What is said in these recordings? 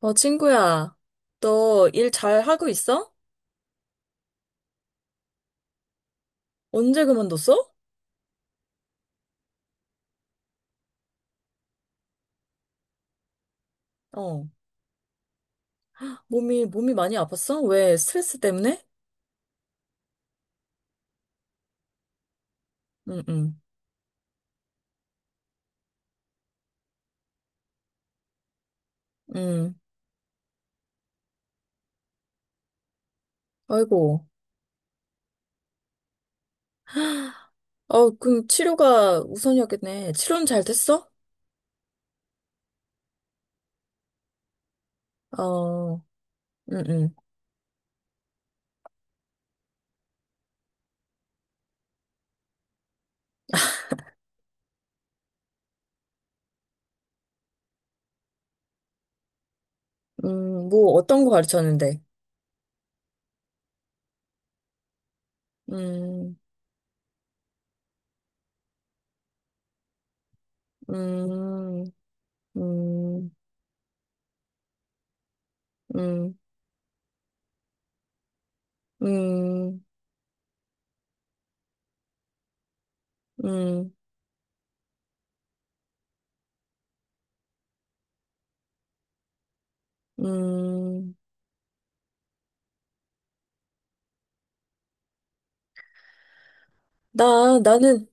어, 친구야, 너 일 잘 하고 있어? 언제 그만뒀어? 어, 몸이 많이 아팠어? 왜? 스트레스 때문에? 응, 응, 응. 아이고. 어, 그럼 치료가 우선이었겠네. 치료는 잘 됐어? 어, 응, 응. 뭐, 어떤 거 가르쳤는데? 음, 음, 음, 음, 음, 음, 음. 나, 나는,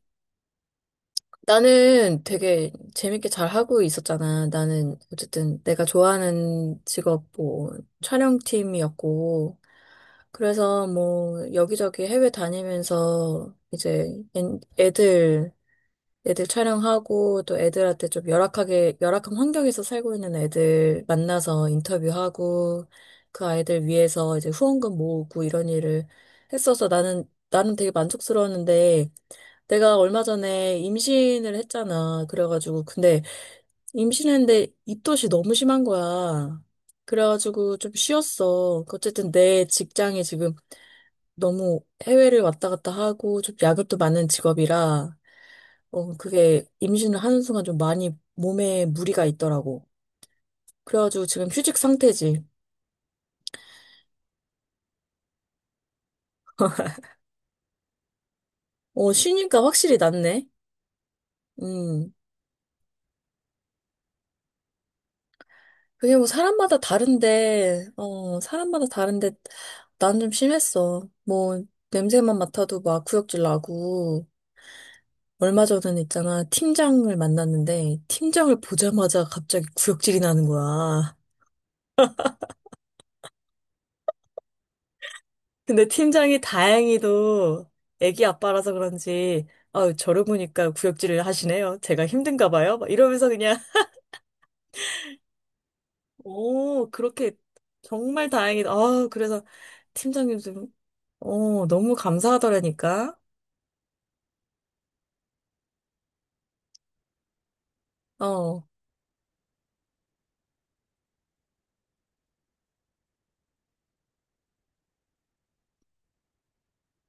나는 되게 재밌게 잘 하고 있었잖아. 나는 어쨌든 내가 좋아하는 직업 뭐 촬영팀이었고, 그래서 뭐 여기저기 해외 다니면서 이제 애들 촬영하고, 또 애들한테 좀 열악한 환경에서 살고 있는 애들 만나서 인터뷰하고, 그 아이들 위해서 이제 후원금 모으고 이런 일을 했어서 나는 되게 만족스러웠는데 내가 얼마 전에 임신을 했잖아. 그래가지고 근데 임신했는데 입덧이 너무 심한 거야. 그래가지고 좀 쉬었어. 어쨌든 내 직장이 지금 너무 해외를 왔다 갔다 하고 좀 야근도 많은 직업이라 그게 임신을 하는 순간 좀 많이 몸에 무리가 있더라고. 그래가지고 지금 휴직 상태지. 어, 쉬니까 확실히 낫네. 음. 그게 뭐 사람마다 다른데 난 좀 심했어. 뭐, 냄새만 맡아도 막 구역질 나고. 얼마 전에는 있잖아, 팀장을 만났는데, 팀장을 보자마자 갑자기 구역질이 나는 거야. 근데 팀장이 다행히도 애기 아빠라서 그런지, 아유, 저러 보니까 구역질을 하시네요. 제가 힘든가 봐요. 막 이러면서 그냥, 오, 그렇게 정말 다행이다. 아, 그래서 팀장님 좀, 너무 감사하더라니까. 어,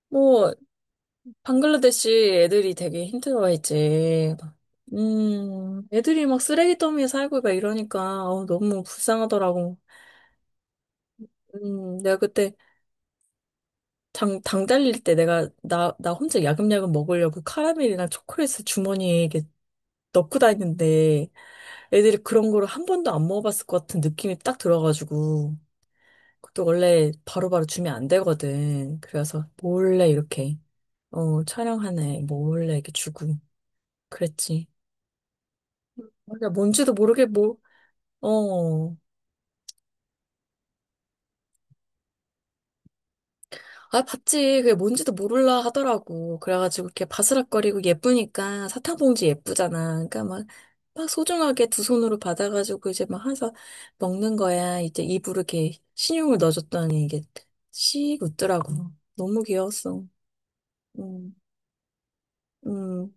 뭐, 방글라데시 애들이 되게 힘들어했지. 애들이 막 쓰레기 더미에 살고 막 이러니까, 너무 불쌍하더라고. 내가 그때 당 달릴 때 내가 나 혼자 야금야금 먹으려고 카라멜이랑 초콜릿을 주머니에 이렇게 넣고 다니는데 애들이 그런 거를 한 번도 안 먹어봤을 것 같은 느낌이 딱 들어가지고 그것도 원래 바로바로 주면 안 되거든. 그래서 몰래 이렇게 촬영하네 몰래 이렇게 주고 그랬지. 맞아, 뭔지도 모르게 뭐어 아, 봤지. 그게 뭔지도 모를라 하더라고. 그래가지고 이렇게 바스락거리고 예쁘니까 사탕 봉지 예쁘잖아. 그러니까 막, 막 소중하게 두 손으로 받아가지고 이제 막 해서 먹는 거야. 이제 입으로 이렇게 신용을 넣어줬더니 이게 씩 웃더라고. 너무 귀여웠어. 음, 음.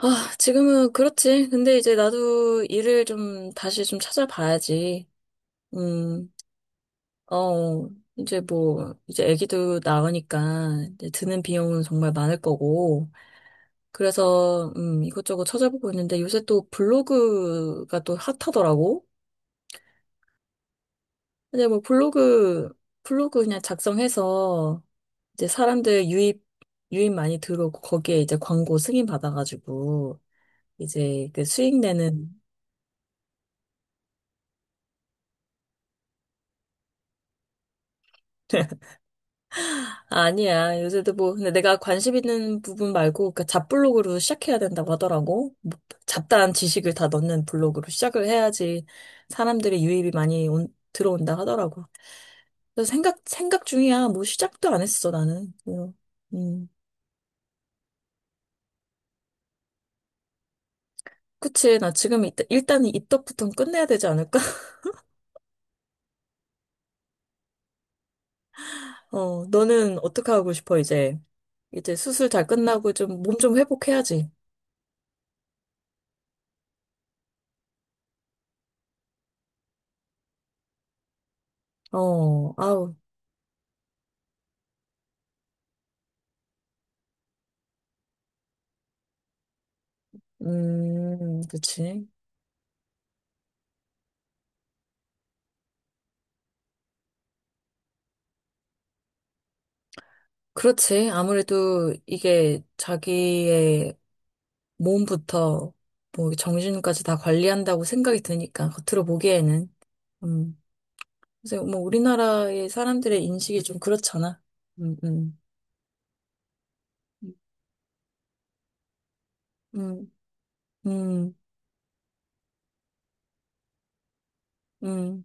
아, 지금은 그렇지. 근데 이제 나도 일을 좀 다시 좀 찾아봐야지. 음, 어. 이제 뭐, 이제 아기도 나으니까 이제 드는 비용은 정말 많을 거고, 그래서 이것저것 찾아보고 있는데 요새 또 블로그가 또 핫하더라고. 근데 뭐 블로그 그냥 작성해서 이제 사람들 유입 많이 들어오고 거기에 이제 광고 승인 받아가지고 이제 그 수익 내는 아니야. 요새도 뭐, 근데 내가 관심 있는 부분 말고, 그 잡블로그로 시작해야 된다고 하더라고. 뭐 잡다한 지식을 다 넣는 블로그로 시작을 해야지 사람들의 유입이 많이 들어온다 하더라고. 그래서 생각 중이야. 뭐 시작도 안 했어, 나는. 뭐, 음. 그치. 나 지금 일단은 입덕부터 끝내야 되지 않을까? 어, 너는 어떻게 하고 싶어, 이제? 이제 수술 잘 끝나고 좀, 몸 좀 회복해야지. 어, 아우, 그치. 그렇지. 아무래도 이게 자기의 몸부터 뭐 정신까지 다 관리한다고 생각이 드니까, 겉으로 보기에는. 음. 그래서 뭐 우리나라의 사람들의 인식이 좀 그렇잖아. 음, 음. 음, 음, 음,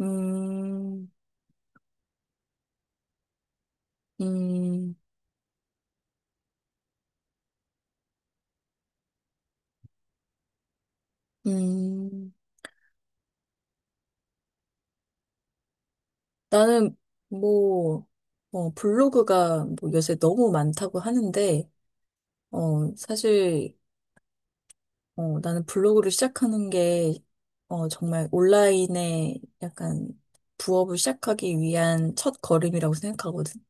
음, 음, 음. 나는 뭐, 블로그가 뭐 요새 너무 많다고 하는데, 어, 사실, 나는 블로그를 시작하는 게, 정말 온라인에 약간 부업을 시작하기 위한 첫 걸음이라고 생각하거든.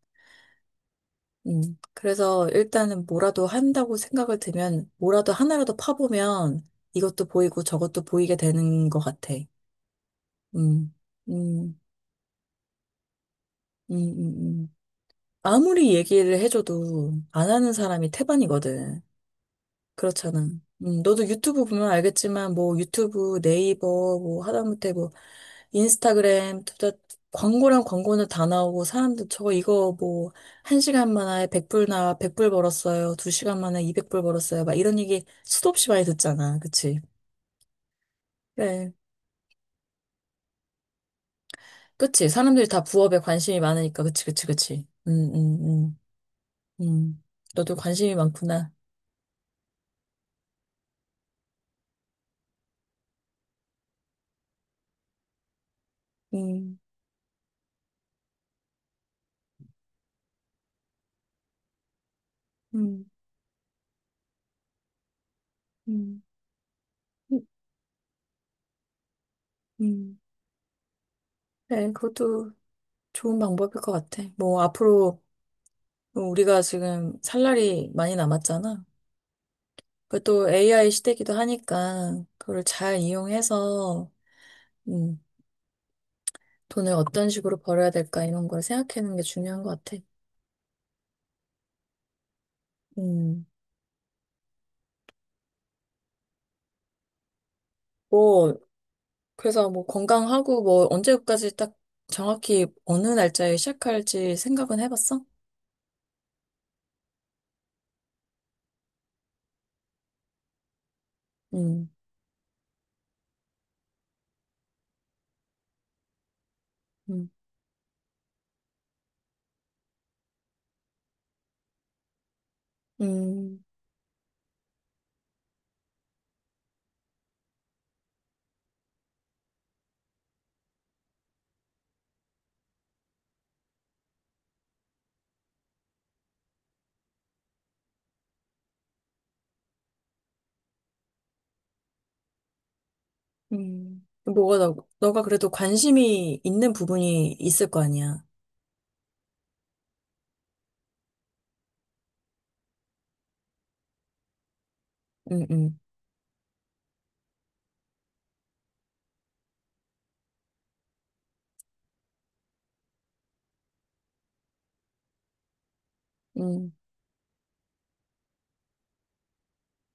그래서 일단은 뭐라도 한다고 생각을 들면, 뭐라도 하나라도 파보면 이것도 보이고 저것도 보이게 되는 것 같아. 음, 음, 음, 음, 음. 아무리 얘기를 해줘도 안 하는 사람이 태반이거든. 그렇잖아. 너도 유튜브 보면 알겠지만, 뭐, 유튜브, 네이버, 뭐, 하다못해 뭐, 인스타그램, 둘다 광고랑 광고는 다 나오고, 사람들 저거 이거 뭐, 1시간 만에 100불 100불 벌었어요. 2시간 만에 200불 벌었어요. 막 이런 얘기 수도 없이 많이 듣잖아. 그치? 그래. 그치? 사람들이 다 부업에 관심이 많으니까. 그치, 그치, 그치. 음. 음, 너도 관심이 많구나. 음, 음, 음, 음. 음. 네, 그것도 좋은 방법일 것 같아. 뭐, 앞으로 우리가 지금 살 날이 많이 남았잖아. 그또 AI 시대이기도 하니까, 그걸 잘 이용해서, 음, 돈을 어떤 식으로 벌어야 될까, 이런 걸 생각하는 게 중요한 것 같아. 음, 뭐, 그래서 뭐, 건강하고 뭐, 언제까지 딱 정확히 어느 날짜에 시작할지 생각은 해봤어? 음, 음, 음. 음. 뭐가 너가 그래도 관심이 있는 부분이 있을 거 아니야. 음, 음, 음,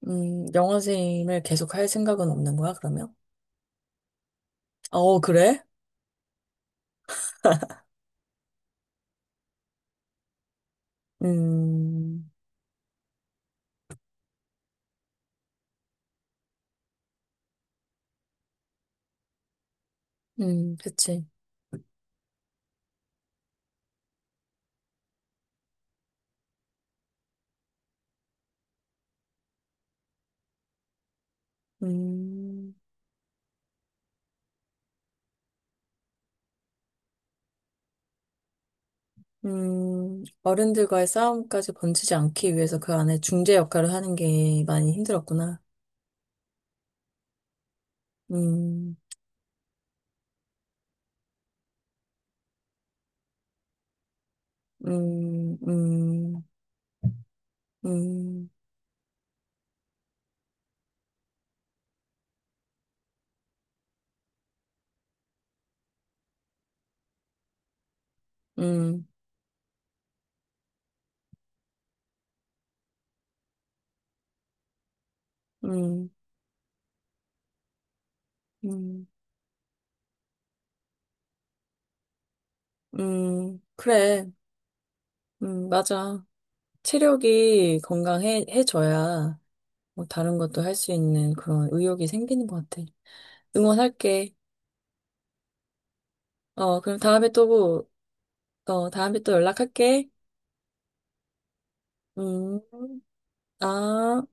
영어생을 계속 할 생각은 없는 거야, 그러면? 아, 어, 그래? 음, 그치. 음, 어른들과의 싸움까지 번지지 않기 위해서 그 안에 중재 역할을 하는 게 많이 힘들었구나. 음, 음, 음, 음, 음, 음, 음, 그래. 맞아. 체력이 건강해져야 뭐 다른 것도 할 수 있는 그런 의욕이 생기는 것 같아. 응원할게. 어, 그럼 다음에 또, 다음에 또 연락할게. 음, 아.